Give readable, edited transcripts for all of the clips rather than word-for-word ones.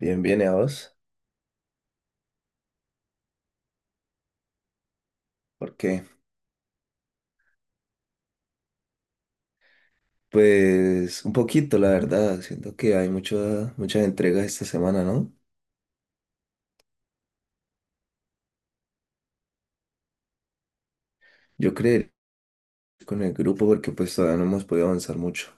Bien, bien, ¿y a vos? ¿Por qué? Pues un poquito, la verdad. Siento que hay muchas entregas esta semana, ¿no? Yo creería con el grupo porque pues todavía no hemos podido avanzar mucho.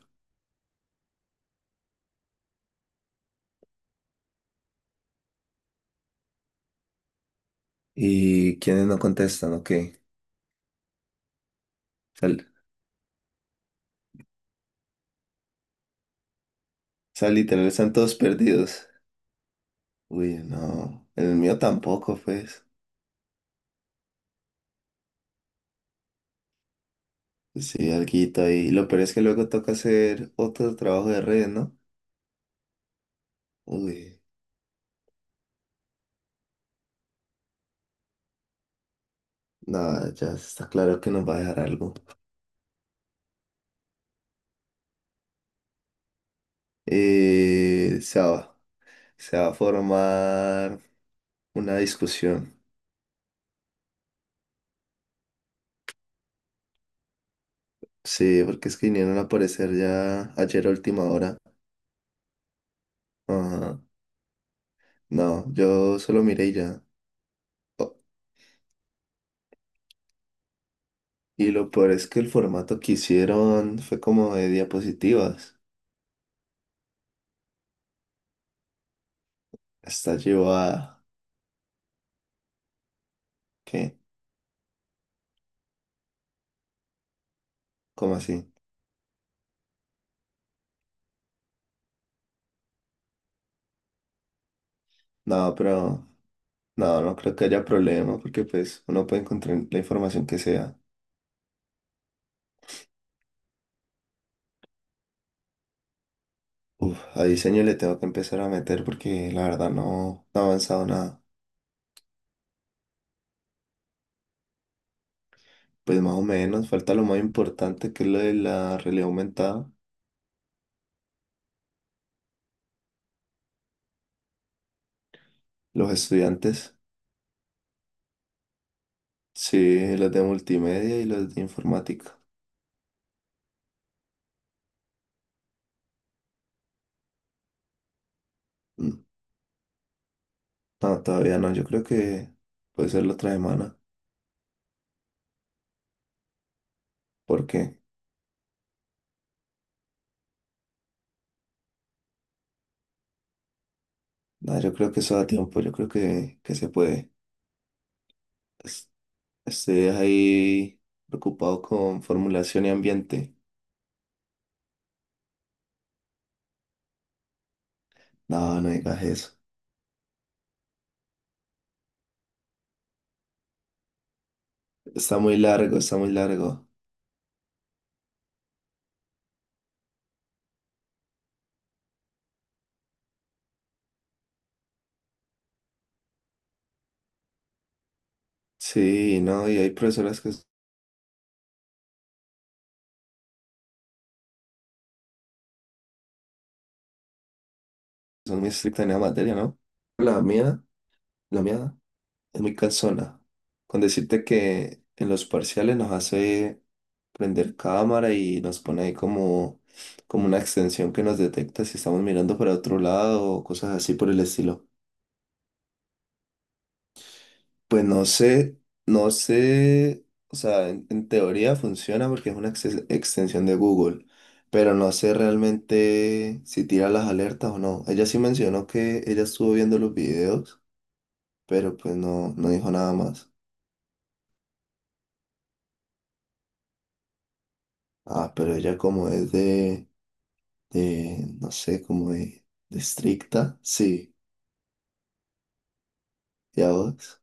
¿Y quiénes no contestan? Ok. Sal, sal, literal, están todos perdidos. Uy, no. El mío tampoco, pues. Pues sí, alguito ahí. Lo peor es que luego toca hacer otro trabajo de red, ¿no? Uy, nada, ya está claro que nos va a dejar algo. Eh, se va, Se va a formar. Una discusión. Sí, porque es que vinieron a aparecer ya ayer a última hora. Ajá. No, yo solo miré y ya. Oh, y lo peor es que el formato que hicieron fue como de diapositivas. Está llevada. ¿Qué? ¿Cómo así? No, pero no creo que haya problema porque pues uno puede encontrar la información que sea. Uf, a diseño le tengo que empezar a meter porque la verdad no ha avanzado nada. Pues más o menos, falta lo más importante que es lo de la realidad aumentada. Los estudiantes, sí, los de multimedia y los de informática. Mm, no, todavía no, yo creo que puede ser la otra semana, porque no, yo creo que eso da tiempo, yo creo que se puede. Es- Estoy ahí preocupado con formulación y ambiente. No, no digas eso. Está muy largo. Sí, no, y hay profesoras que son muy estrictas en la materia, ¿no? La mía, la mía, es muy cansona. Con decirte que en los parciales nos hace prender cámara y nos pone ahí como, como una extensión que nos detecta si estamos mirando para otro lado o cosas así por el estilo. Pues no sé, o sea, en teoría funciona porque es una extensión de Google, pero no sé realmente si tira las alertas o no. Ella sí mencionó que ella estuvo viendo los videos, pero pues no, no dijo nada más. Ah, pero ella como es de, no sé, como de estricta, sí, ya vos.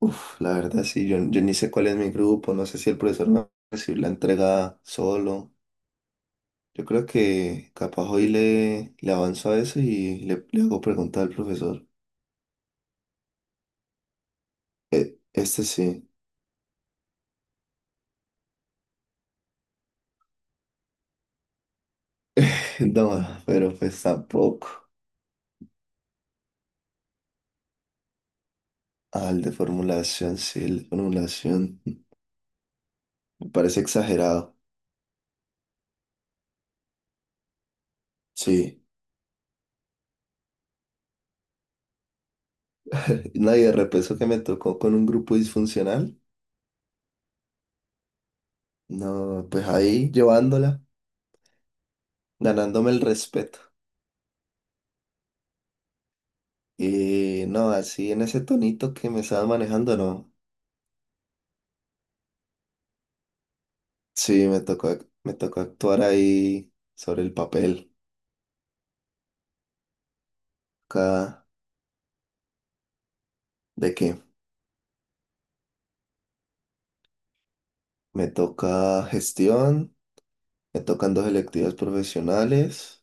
Uf, la verdad sí, yo ni sé cuál es mi grupo, no sé si el profesor me va a recibir la entrega solo. Yo creo que capaz hoy le avanzo a eso y le hago preguntar al profesor. Este sí, no, pero pues tampoco. Al de formulación, sí, el de formulación me parece exagerado, sí. Nadie de repeso que me tocó con un grupo disfuncional. No, pues ahí llevándola, ganándome el respeto. Y no, así en ese tonito que me estaba manejando, no. Sí, me tocó actuar ahí sobre el papel. Acá, ¿de qué? Me toca gestión, me tocan dos electivas profesionales,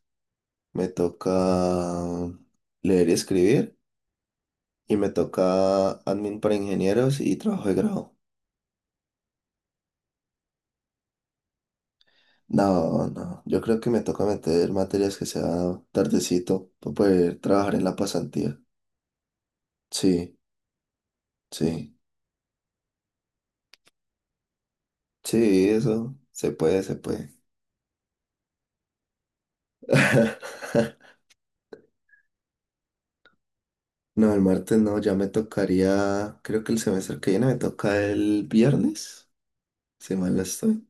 me toca leer y escribir, y me toca admin para ingenieros y trabajo de grado. No, no, yo creo que me toca meter materias que sea tardecito para poder trabajar en la pasantía. Sí, sí. Sí, eso se puede, se puede. No, el martes no, ya me tocaría, creo que el semestre que viene me toca el viernes, si mal no estoy.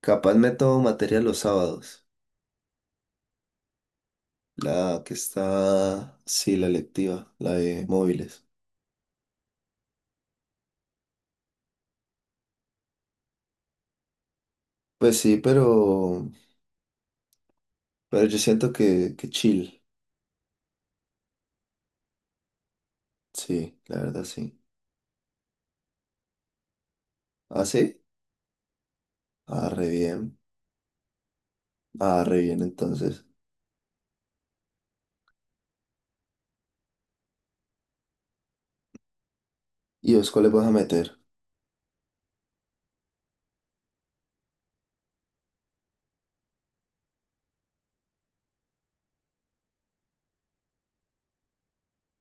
Capaz me tomo materia los sábados, la que está, sí, la electiva, la de móviles. Pues sí, pero yo siento que chill, sí, la verdad sí. ¿Ah, sí? Ah, re bien, ah, re bien entonces. ¿Y vos cuáles vas a meter?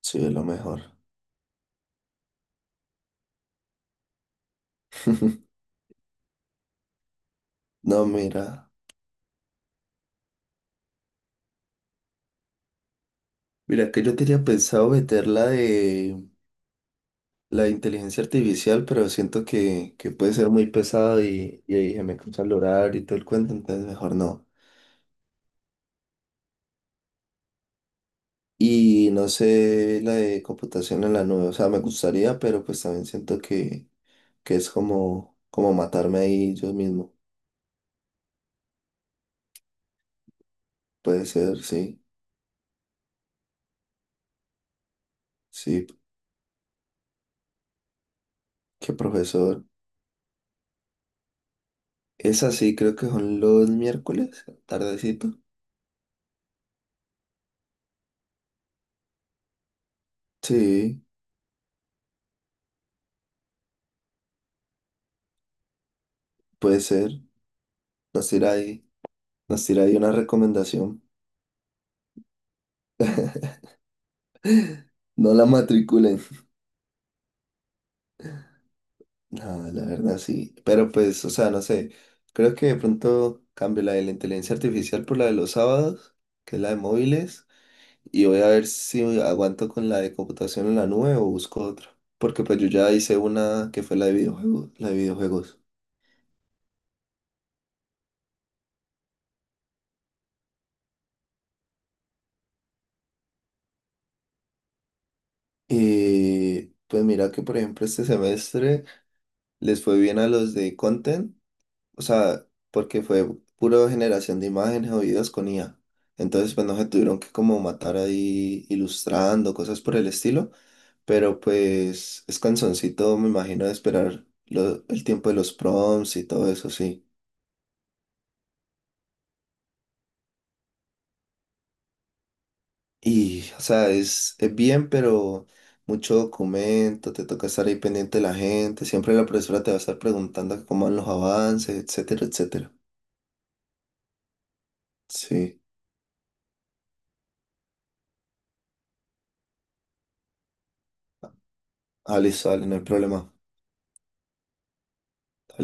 Sí, lo mejor. No, mira. Mira, que yo tenía pensado meter la de la inteligencia artificial, pero siento que puede ser muy pesado y ahí se me cruza el horario y todo el cuento, entonces mejor no. Y no sé la de computación en la nube, o sea, me gustaría, pero pues también siento que es como, como matarme ahí yo mismo. Puede ser, sí, sí, qué profesor. Es así, creo que son los miércoles, tardecito. Sí, puede ser. Nos tira ahí, nos tira ahí una recomendación. No la matriculen. No, la verdad sí. Pero pues, o sea, no sé. Creo que de pronto cambio la de la inteligencia artificial por la de los sábados, que es la de móviles. Y voy a ver si aguanto con la de computación en la nube o busco otra. Porque pues yo ya hice una que fue la de videojuegos. Y pues mira que por ejemplo este semestre les fue bien a los de content. O sea, porque fue puro generación de imágenes o videos con IA. Entonces, pues no se tuvieron que como matar ahí ilustrando, cosas por el estilo. Pero pues es cansoncito, me imagino, de esperar el tiempo de los prompts y todo eso, sí. Y, o sea, es bien, pero mucho documento, te toca estar ahí pendiente de la gente. Siempre la profesora te va a estar preguntando cómo van los avances, etcétera, etcétera. Sí. Ah, listo, dale, no hay problema.